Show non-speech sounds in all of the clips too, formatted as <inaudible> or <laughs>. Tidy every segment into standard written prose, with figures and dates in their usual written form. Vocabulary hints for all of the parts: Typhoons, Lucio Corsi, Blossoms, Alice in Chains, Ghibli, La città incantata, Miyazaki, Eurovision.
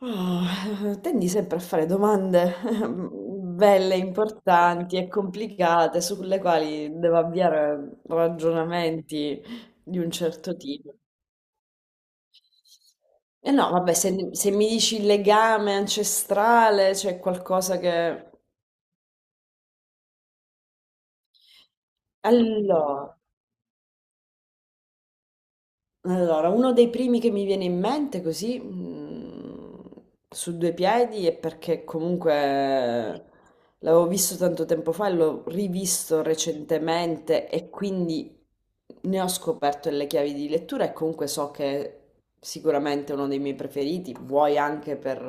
Ah, tendi sempre a fare domande <laughs> belle, importanti e complicate sulle quali devo avviare ragionamenti di un certo tipo. E no, vabbè, se mi dici il legame ancestrale, c'è qualcosa che... Allora, allora, uno dei primi che mi viene in mente così, su due piedi, è perché comunque l'avevo visto tanto tempo fa e l'ho rivisto recentemente e quindi ne ho scoperto le chiavi di lettura e comunque so che è sicuramente uno dei miei preferiti, vuoi anche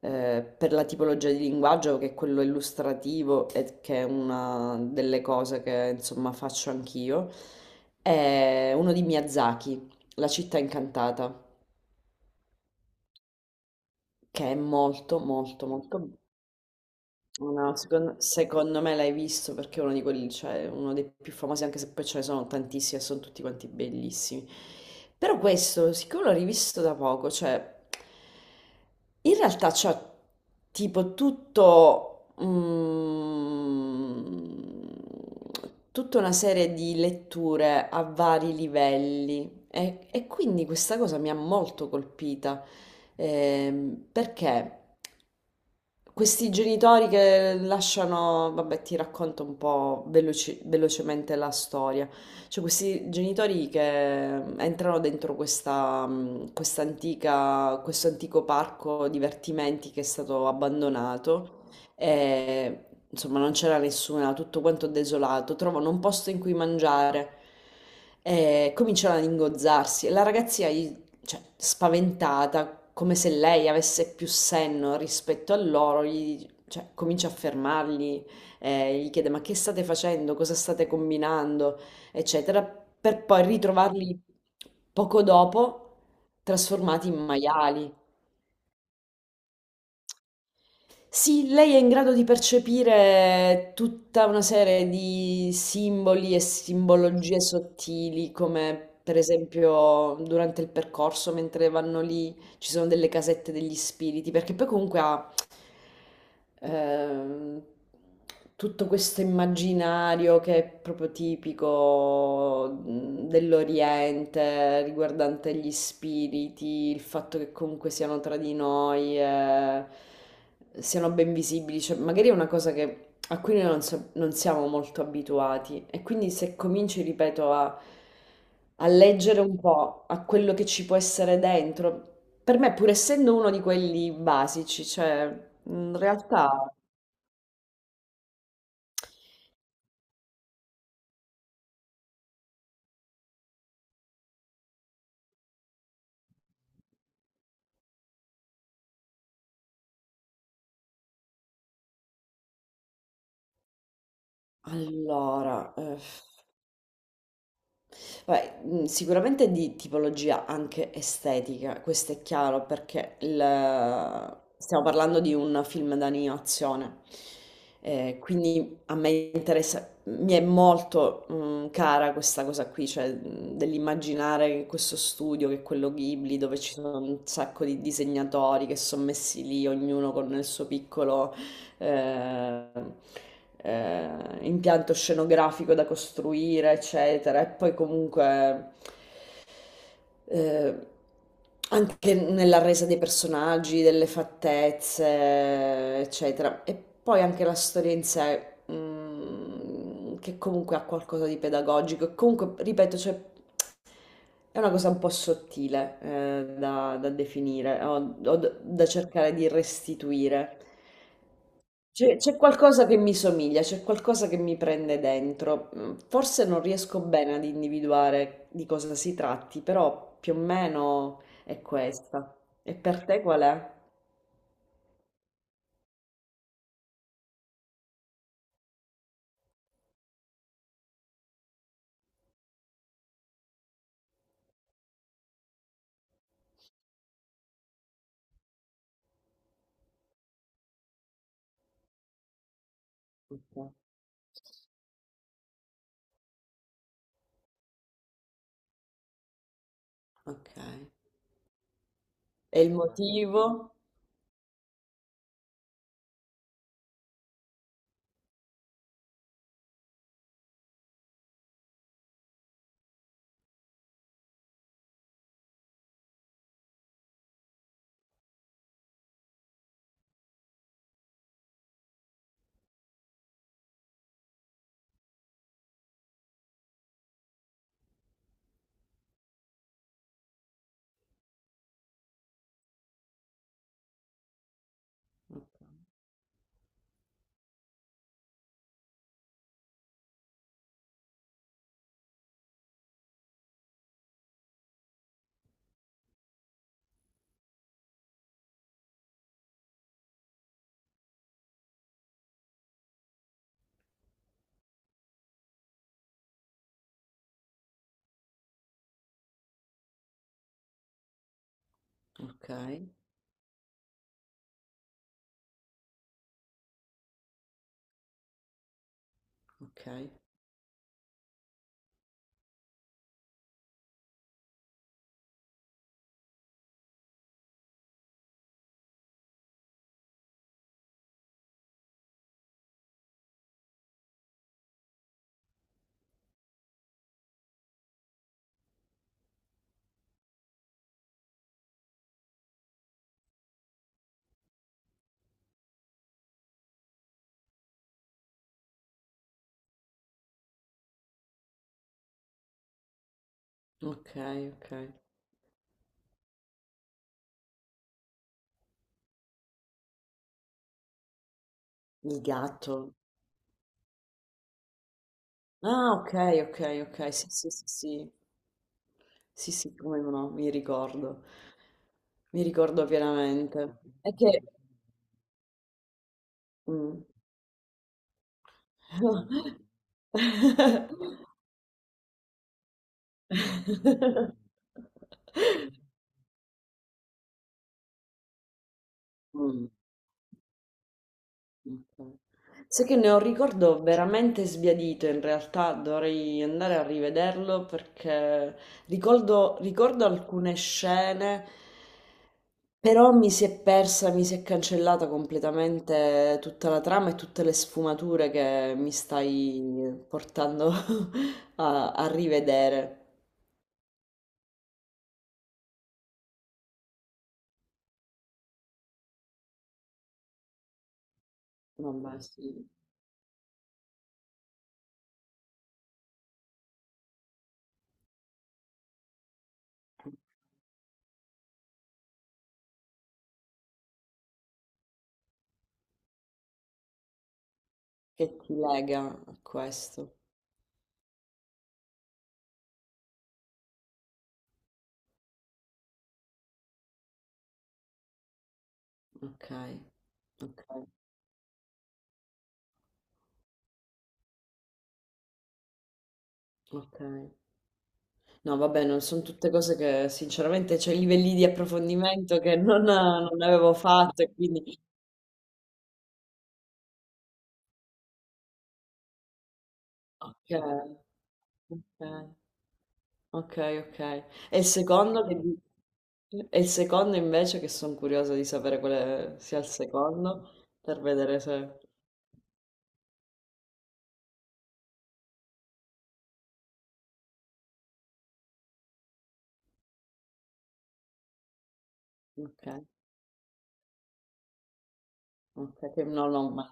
per la tipologia di linguaggio che è quello illustrativo e che è una delle cose che insomma faccio anch'io. È uno di Miyazaki, La città incantata, che è molto molto molto. No, secondo me l'hai visto perché è uno di quelli, cioè uno dei più famosi, anche se poi ce ne sono tantissimi e sono tutti quanti bellissimi. Però questo, siccome l'ho rivisto da poco, cioè in realtà c'è tipo tutto, tutta una serie di letture a vari livelli e quindi questa cosa mi ha molto colpita. Perché questi genitori che lasciano, vabbè, ti racconto un po' velocemente la storia. Cioè, questi genitori che entrano dentro questa, questa questo antico parco divertimenti che è stato abbandonato e insomma non c'era nessuna, tutto quanto desolato, trovano un posto in cui mangiare e cominciano ad ingozzarsi e la ragazzina gli, cioè, spaventata, come se lei avesse più senno rispetto a loro, gli, cioè, comincia a fermarli, gli chiede ma che state facendo, cosa state combinando, eccetera, per poi ritrovarli poco dopo trasformati in maiali. Sì, lei è in grado di percepire tutta una serie di simboli e simbologie sottili, come per esempio durante il percorso, mentre vanno lì, ci sono delle casette degli spiriti, perché poi comunque ha ehm, tutto questo immaginario che è proprio tipico dell'Oriente riguardante gli spiriti, il fatto che comunque siano tra di noi, siano ben visibili, cioè magari è una cosa a cui noi non, non siamo molto abituati e quindi se cominci, ripeto, a, a leggere un po' a quello che ci può essere dentro, per me pur essendo uno di quelli basici, cioè in realtà... Allora, beh, sicuramente di tipologia anche estetica, questo è chiaro perché il stiamo parlando di un film d'animazione, quindi a me interessa mi è molto, cara questa cosa qui, cioè, dell'immaginare questo studio che è quello Ghibli, dove ci sono un sacco di disegnatori che son messi lì, ognuno con il suo piccolo, eh, impianto scenografico da costruire, eccetera. E poi comunque, eh, anche nella resa dei personaggi, delle fattezze, eccetera. E poi anche la storia in sé, mm, che comunque ha qualcosa di pedagogico. E comunque, ripeto, cioè, è una cosa un po' sottile, da, da definire o da cercare di restituire. C'è qualcosa che mi somiglia, c'è qualcosa che mi prende dentro. Mm, forse non riesco bene ad individuare di cosa si tratti, però più o meno è questa. E per te qual è? Ok. Ok. E il motivo? Ok, ok, ok, ok. Il gatto. Ah, ok, ok, ok, sì, sì, sì, sì. Sì, sì, come no, mi ricordo pienamente. È che, mm. Mm, ok. Sai che ne ho un ricordo veramente sbiadito, in realtà dovrei andare a rivederlo perché ricordo, ricordo alcune scene, però mi si è persa, mi si è cancellata completamente tutta la trama e tutte le sfumature che mi stai portando <laughs> a, a rivedere. Vabbè, sì. Che ti lega a questo. Okay, okay, okay. No vabbè, non son tutte cose che sinceramente c'è livelli di approfondimento che non avevo fatto e quindi okay, okay, okay, okay. E il secondo che di e il secondo invece, che son curiosa di sapere quale sia il secondo, per vedere se okay, okay, che non ho mai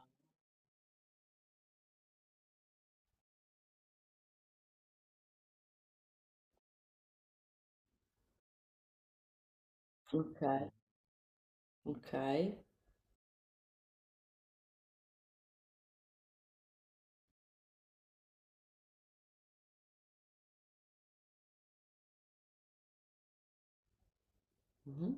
okay, okay. Mh-mh.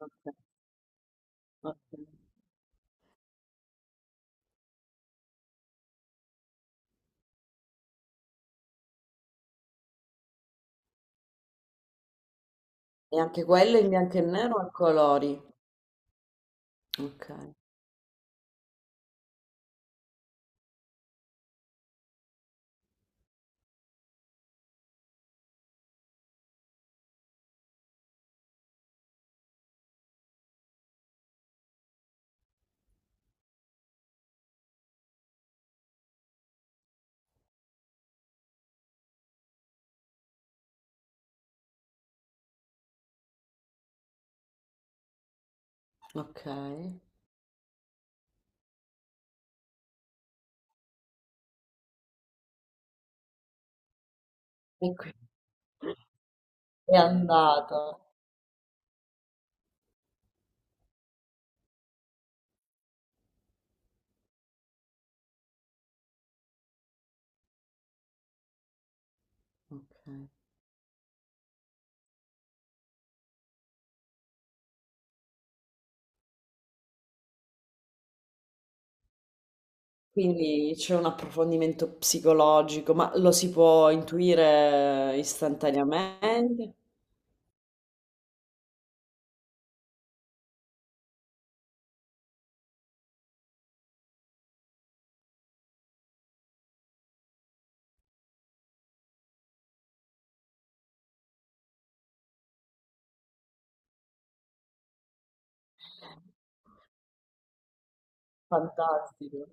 Okay, okay. E anche quello in bianco e nero o a colori? Ok, ok. E qui è andato. Ok. Quindi c'è un approfondimento psicologico, ma lo si può intuire istantaneamente? Fantastico.